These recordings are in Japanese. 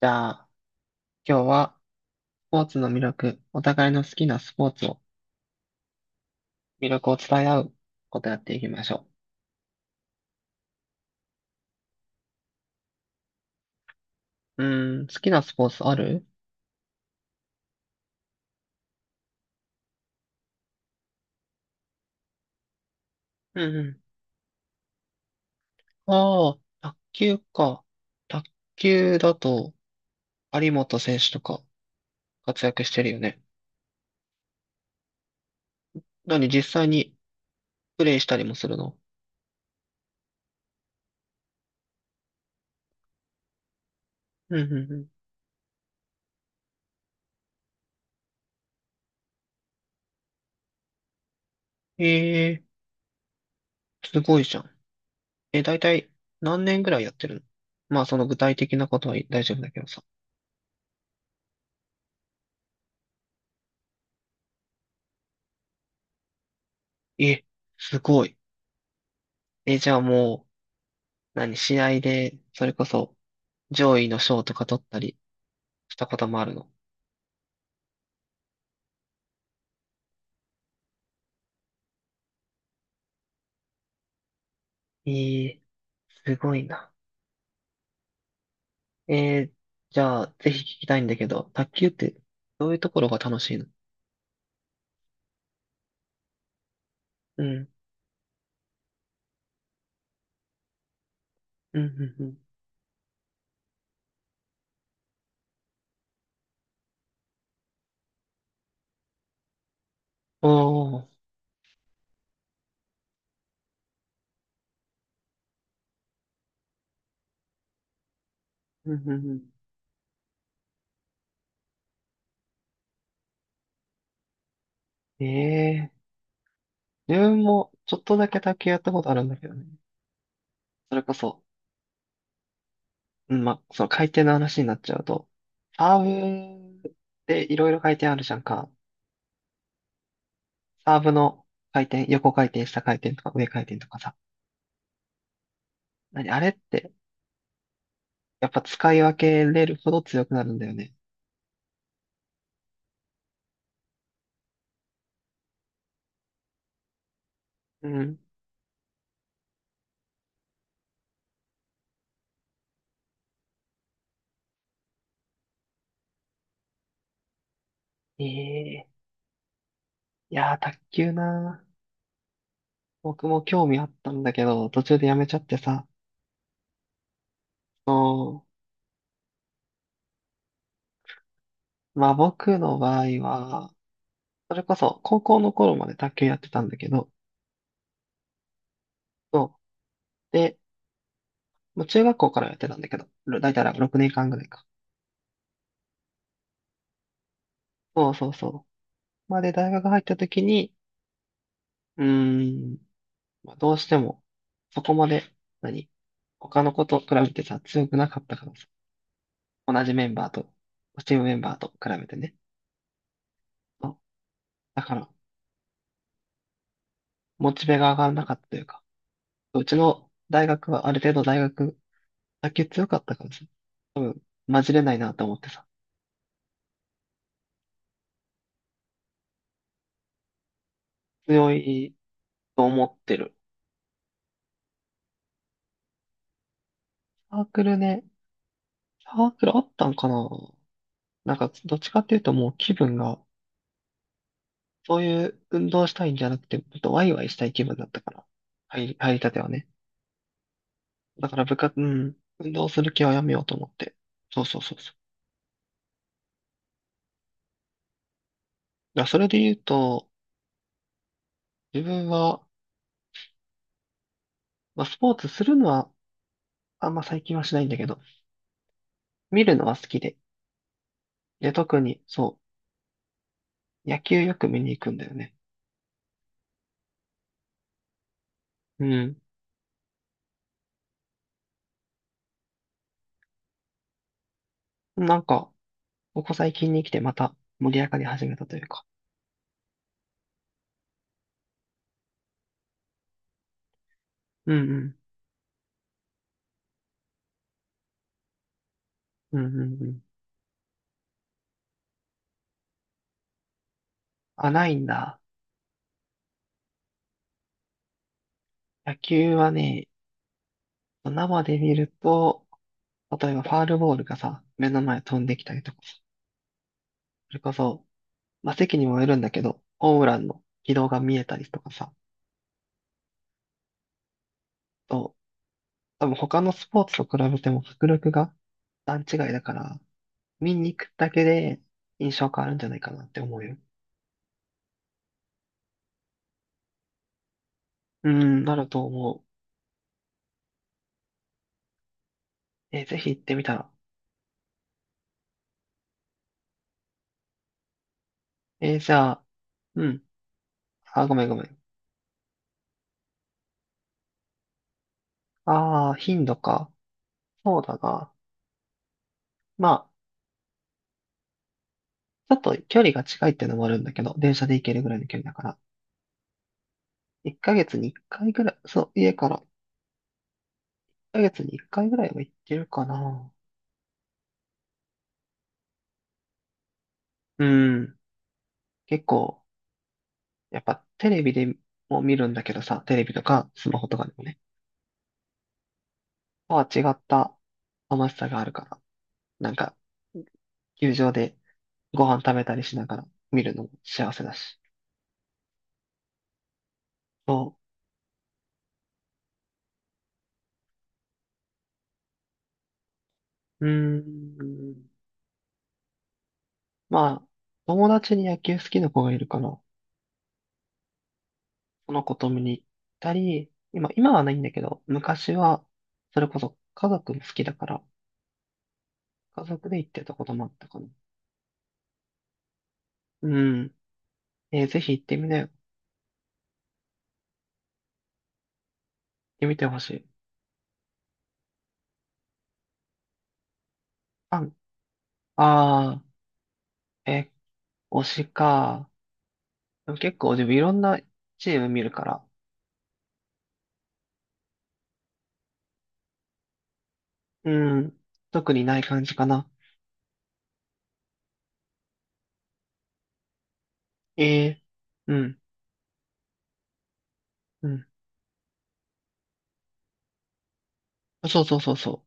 じゃあ、今日はスポーツの魅力、お互いの好きなスポーツを、魅力を伝え合うことやっていきましょう。うーん、好きなスポーツある？うんうん。ああ、卓球か。卓球だと、有本選手とか活躍してるよね。何、実際にプレイしたりもするの？うんうんうん。ええ、すごいじゃん。え、だいたい何年ぐらいやってるの？まあ、その具体的なことは大丈夫だけどさ。え、すごい。え、じゃあもう、何、試合で、それこそ、上位の賞とか取ったりしたこともあるの？ええ、すごいな。ええ、じゃあ、ぜひ聞きたいんだけど、卓球って、どういうところが楽しいの？うん、うん、うん、うん。おー、うん、うん、うん。ええ、自分も、ちょっとだけ卓球やったことあるんだけどね。それこそ、うん、ま、その回転の話になっちゃうと、サーブでいろいろ回転あるじゃんか。サーブの回転、横回転、下回転とか上回転とかさ。何、あれって、やっぱ使い分けれるほど強くなるんだよね。うん。ええ、いやー、卓球なー。僕も興味あったんだけど、途中でやめちゃってさ。そう。まあ僕の場合は、それこそ高校の頃まで卓球やってたんだけど、そう。で、もう中学校からやってたんだけど、だいたい6年間ぐらいか。そうそうそう。まあで、大学入った時に、うーん、まあ、どうしても、そこまで、何他の子と比べてさ、強くなかったからさ同じメンバーと、チームメンバーと比べてね。そうだから、モチベが上がらなかったというか、うちの大学はある程度大学、卓球強かったからさ、多分、混じれないなと思ってさ、強いと思ってる。サークルね、サークルあったんかな？なんか、どっちかっていうともう気分が、そういう運動したいんじゃなくて、もっとワイワイしたい気分だったから、入りたてはね。だから部活、うん、運動する気はやめようと思って。そうそうそうそう。だからそれで言うと、自分は、まあ、スポーツするのは、あんま最近はしないんだけど、見るのは好きで。で、特に、そう、野球よく見に行くんだよね。うん。なんか、ここ最近に来てまた盛り上がり始めたというか。うんうん。うんうんうん。あ、ないんだ。野球はね、生で見ると、例えばファールボールがさ、目の前飛んできたりとかさ、それこそ、まあ、席にもよるんだけど、ホームランの軌道が見えたりとかさ、と多分他のスポーツと比べても迫力が段違いだから、見に行くだけで印象変わるんじゃないかなって思うよ。うん、なると思う。ぜひ行ってみたら。じゃあ、うん。あ、ごめんごめん。ああ、頻度か。そうだな。まあ、ちょっと距離が近いってのもあるんだけど、電車で行けるぐらいの距離だから。1ヶ月に1回ぐらい、そう、家から1ヶ月に1回ぐらいは行ってるかな。うん。結構、やっぱテレビでも見るんだけどさ、テレビとかスマホとかでもね、とは違った楽しさがあるから。なんか、球場でご飯食べたりしながら見るのも幸せだし。そう。うーん。まあ、友達に野球好きな子がいるから、その子と見に行ったり、今はないんだけど、昔は、それこそ家族も好きだから、家族で行ってたこともあったかな。うん。ぜひ行ってみなよ。行ってみてほしい。あ、あー、え、推しか。でも結構自分いろんなチーム見るから、うん。特にない感じかな。ええ、うん、うん。そうそうそうそ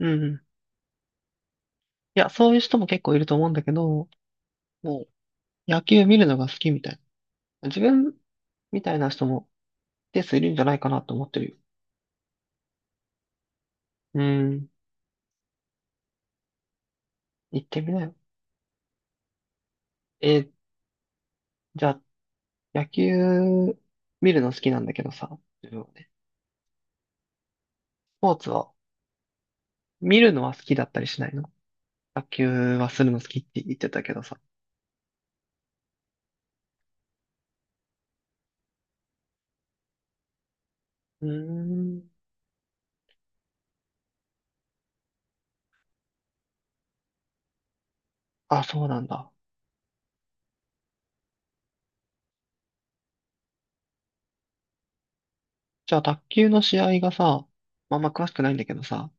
う。うん、うん。いや、そういう人も結構いると思うんだけど、もう野球見るのが好きみたいな。自分みたいな人も一定数いるんじゃないかなと思ってるよ。うん、行ってみなよ。えー、じゃあ、野球見るの好きなんだけどさ、自分はね。スポーツは、見るのは好きだったりしないの？卓球はするの好きって言ってたけどさ。うーん。あ、そうなんだ。じゃあ、卓球の試合がさ、まあ、あんま詳しくないんだけどさ、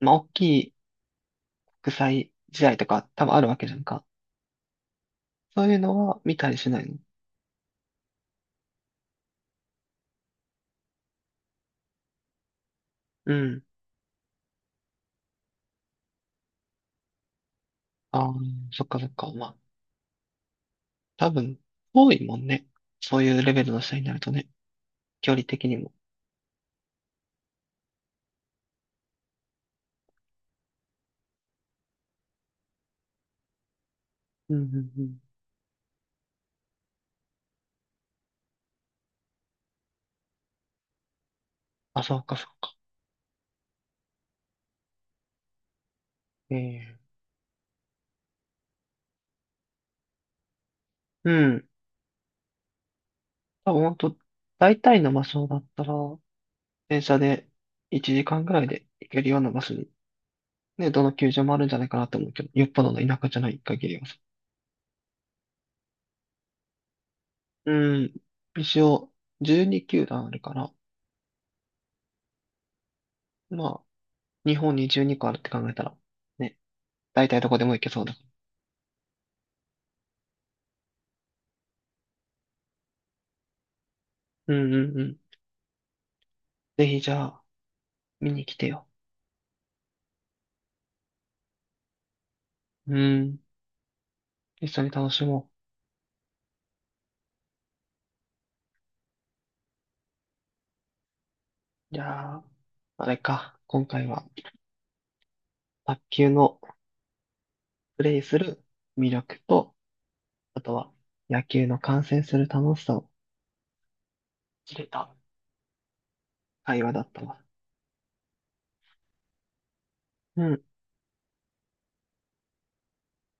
まあ、国際試合とか多分あるわけじゃんか。そういうのは見たりしないの？うん。ああ、そっかそっか。まあ、多分、多いもんね。そういうレベルの試合になるとね、距離的にも。うんうんうん。あ、そうかそうか。ええ、うん。多分、ほんと、大体の場所だったら、電車で1時間ぐらいで行けるような場所に、ね、どの球場もあるんじゃないかなと思うけど、よっぽどの田舎じゃない限りはさ。うん。一応、12球団あるから、まあ、日本に12個あるって考えたら、ね、大体どこでも行けそうだ。うんうんうん。ぜひじゃあ、見に来てよ。うん。一緒に楽しもう。じゃあ、あれか。今回は、卓球のプレイする魅力と、あとは、野球の観戦する楽しさを知れた会話だったわ。うん。